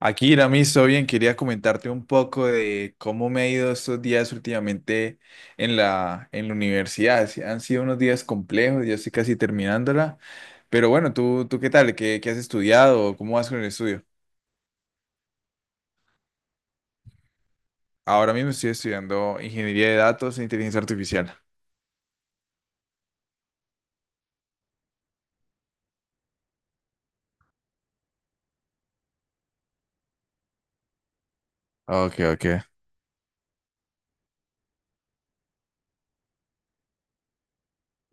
Akira, me hizo bien. Quería comentarte un poco de cómo me ha ido estos días últimamente en la universidad. Sí, han sido unos días complejos, ya estoy casi terminándola. Pero bueno, ¿tú qué tal? ¿Qué has estudiado? ¿Cómo vas con el estudio? Ahora mismo estoy estudiando ingeniería de datos e inteligencia artificial. Ok, ok.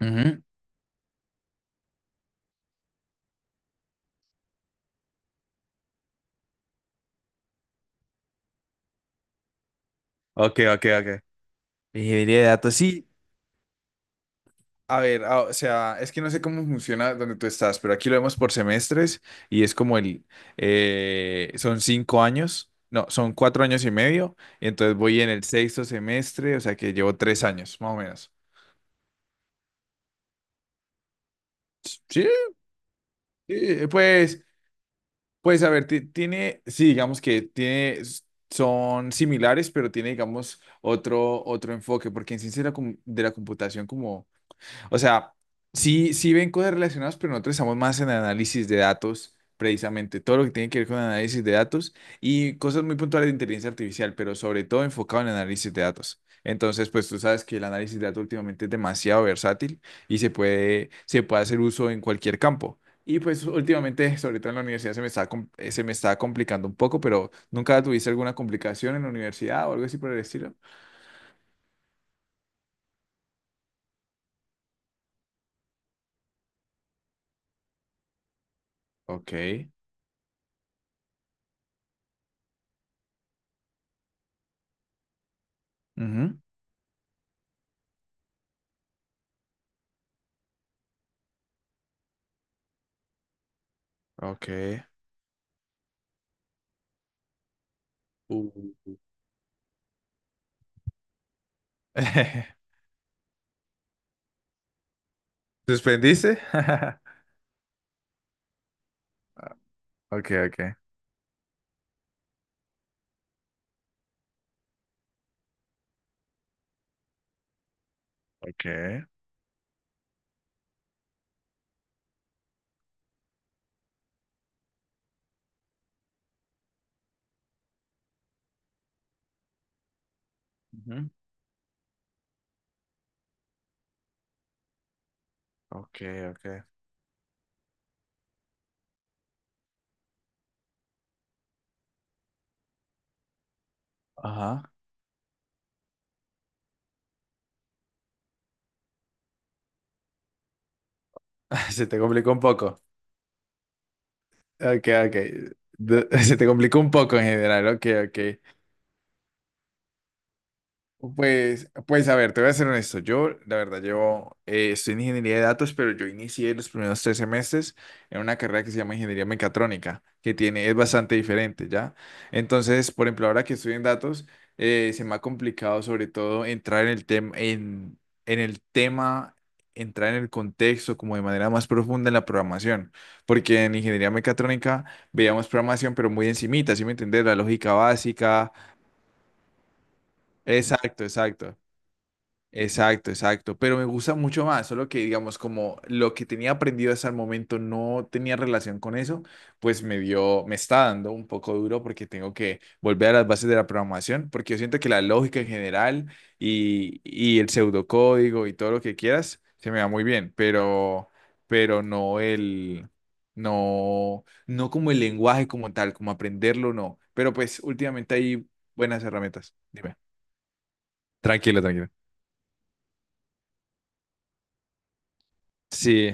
Ujú. Ok, ok, ok. Ingeniería de datos, sí. A ver, o sea, es que no sé cómo funciona donde tú estás, pero aquí lo vemos por semestres y es como son 5 años, no, son 4 años y medio, y entonces voy en el sexto semestre, o sea que llevo 3 años, más o menos. Sí, sí, pues a ver, sí, digamos que tiene, son similares, pero tiene, digamos, otro enfoque, porque en ciencia de la computación, como o sea, sí, sí ven cosas relacionadas, pero nosotros estamos más en análisis de datos, precisamente, todo lo que tiene que ver con análisis de datos y cosas muy puntuales de inteligencia artificial, pero sobre todo enfocado en análisis de datos. Entonces, pues tú sabes que el análisis de datos últimamente es demasiado versátil y se puede hacer uso en cualquier campo. Y pues últimamente, sobre todo en la universidad, se me está complicando un poco, pero ¿nunca tuviste alguna complicación en la universidad o algo así por el estilo? Ok. Ujú. Ok. Uh. ¿Suspendiste? Ok, ok. Ok. Ujú. Ok, ok. Ajá. Se te complicó un poco. Ok, ok. Se te complicó un poco en general. Ok, ok. Pues a ver, te voy a ser honesto. Yo, la verdad, llevo, estoy en ingeniería de datos, pero yo inicié los primeros 3 semestres en una carrera que se llama ingeniería mecatrónica, es bastante diferente, ¿ya? Entonces, por ejemplo, ahora que estoy en datos, se me ha complicado sobre todo en el tema, entrar en el contexto como de manera más profunda en la programación, porque en ingeniería mecatrónica veíamos programación, pero muy encimita, ¿sí me entiendes? La lógica básica. Exacto, exacto. Exacto, exacto, pero me gusta mucho más, solo que digamos como lo que tenía aprendido hasta el momento no tenía relación con eso, pues me está dando un poco duro porque tengo que volver a las bases de la programación, porque yo siento que la lógica en general y el pseudocódigo y todo lo que quieras se me da muy bien, pero, pero no como el lenguaje como tal, como aprenderlo, no, pero pues últimamente hay buenas herramientas, dime. Tranquilo, tranquilo. Sí,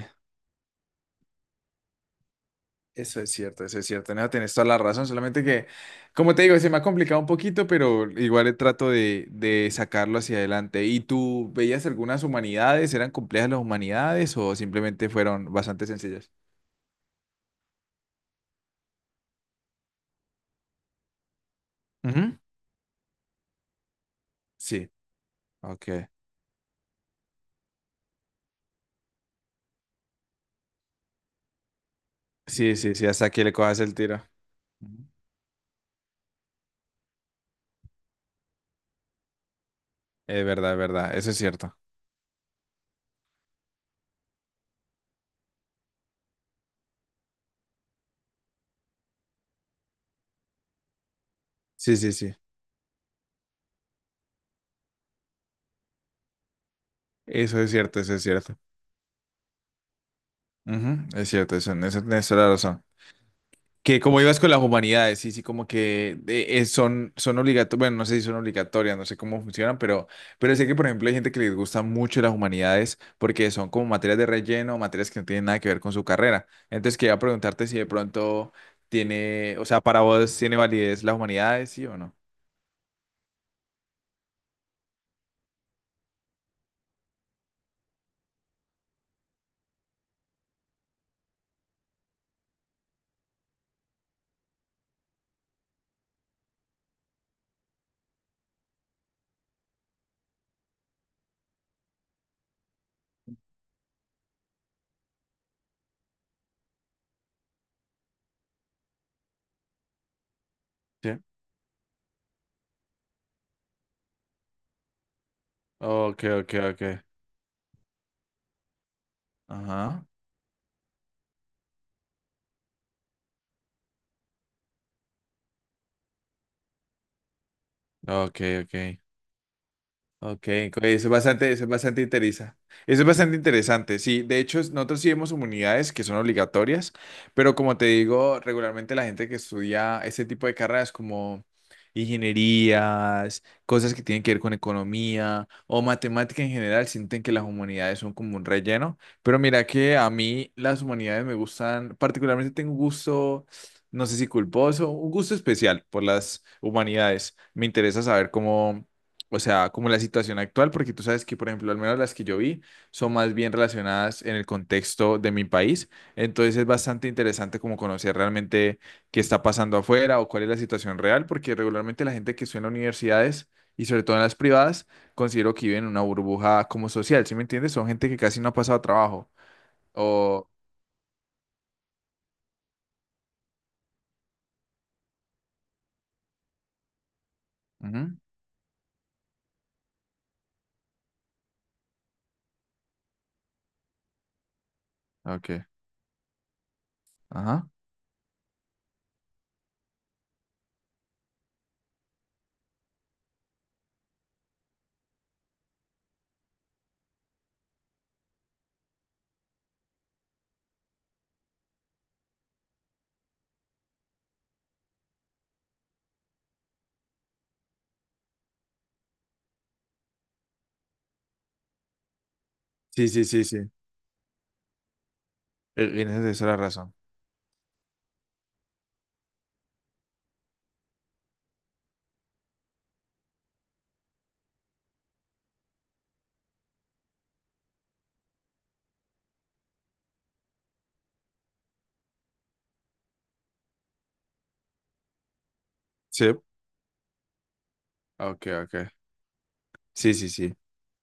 eso es cierto, eso es cierto. No, tienes toda la razón. Solamente que, como te digo, se me ha complicado un poquito, pero igual le trato de sacarlo hacia adelante. ¿Y tú veías algunas humanidades? ¿Eran complejas las humanidades o simplemente fueron bastante sencillas? Ujú. Sí, ok. Sí, sí, sí, hasta que le cojas el tiro. Ujú. Es verdad, eso es cierto. Sí, sí, sí. Eso es cierto, eso es cierto. Ujú. Es cierto, eso, en eso tienes toda la razón. Que como ibas con las humanidades, sí, sí, como que son obligatorias, bueno, no sé si son obligatorias, no sé cómo funcionan, pero sé que, por ejemplo, hay gente que les gusta mucho las humanidades porque son como materias de relleno, materias que no tienen nada que ver con su carrera. Entonces, quería preguntarte si de pronto tiene, o sea, para vos tiene validez las humanidades, sí o no. ¿Sí? Ok, ok, ok. Ajá. Ok, ok. Ok, eso es bastante interesante. Eso es bastante interesante, sí. De hecho, nosotros sí vemos unidades que son obligatorias, pero como te digo, regularmente la gente que estudia ese tipo de carreras como ingenierías, cosas que tienen que ver con economía o matemática en general, sienten que las humanidades son como un relleno. Pero mira que a mí las humanidades me gustan, particularmente tengo un gusto, no sé si culposo, un gusto especial por las humanidades. Me interesa saber cómo o sea, como la situación actual, porque tú sabes que, por ejemplo, al menos las que yo vi son más bien relacionadas en el contexto de mi país. Entonces es bastante interesante como conocer realmente qué está pasando afuera o cuál es la situación real, porque regularmente la gente que estudia en las universidades y sobre todo en las privadas, considero que viven en una burbuja como social, ¿sí me entiendes? Son gente que casi no ha pasado trabajo. O... Ujú. Ok. Ajá. Sí, sí, sí, sí. En esa es la razón. Sí. Ok, ok. Sí, sí, sí.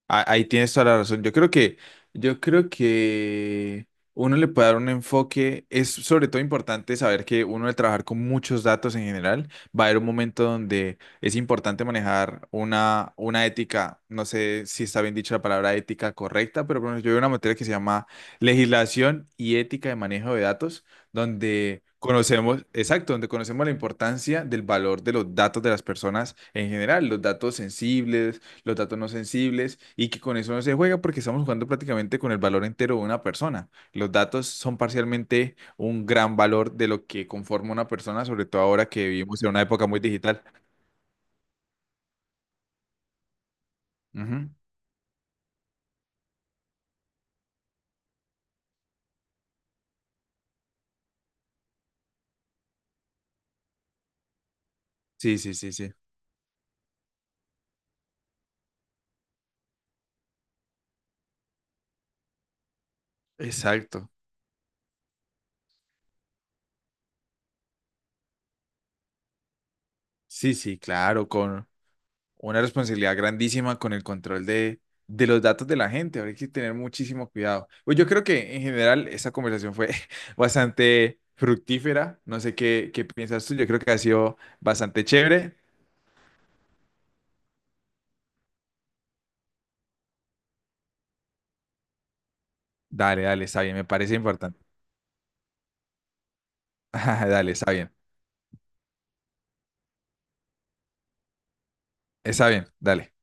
Ah, ahí tienes toda la razón. Yo creo que uno le puede dar un enfoque. Es sobre todo importante saber que uno al trabajar con muchos datos en general, va a haber un momento donde es importante manejar una ética, no sé si está bien dicha la palabra ética correcta, pero por ejemplo, yo veo una materia que se llama legislación y ética de manejo de datos, donde conocemos, exacto, donde conocemos la importancia del valor de los datos de las personas en general, los datos sensibles los datos no sensibles y que con eso no se juega porque estamos jugando prácticamente con el valor entero de una persona. Los datos son parcialmente un gran valor de lo que conforma una persona, sobre todo ahora que vivimos en una época muy digital. Ujú. Sí, sí, sí, sí. Exacto. Sí, sí, claro, con una responsabilidad grandísima con el control de los datos de la gente. Ahora hay que tener muchísimo cuidado. Pues yo creo que en general esa conversación fue bastante fructífera. No sé qué piensas tú. Yo creo que ha sido bastante chévere. Dale, dale, está bien, me parece importante. Dale, está bien. Está bien, dale.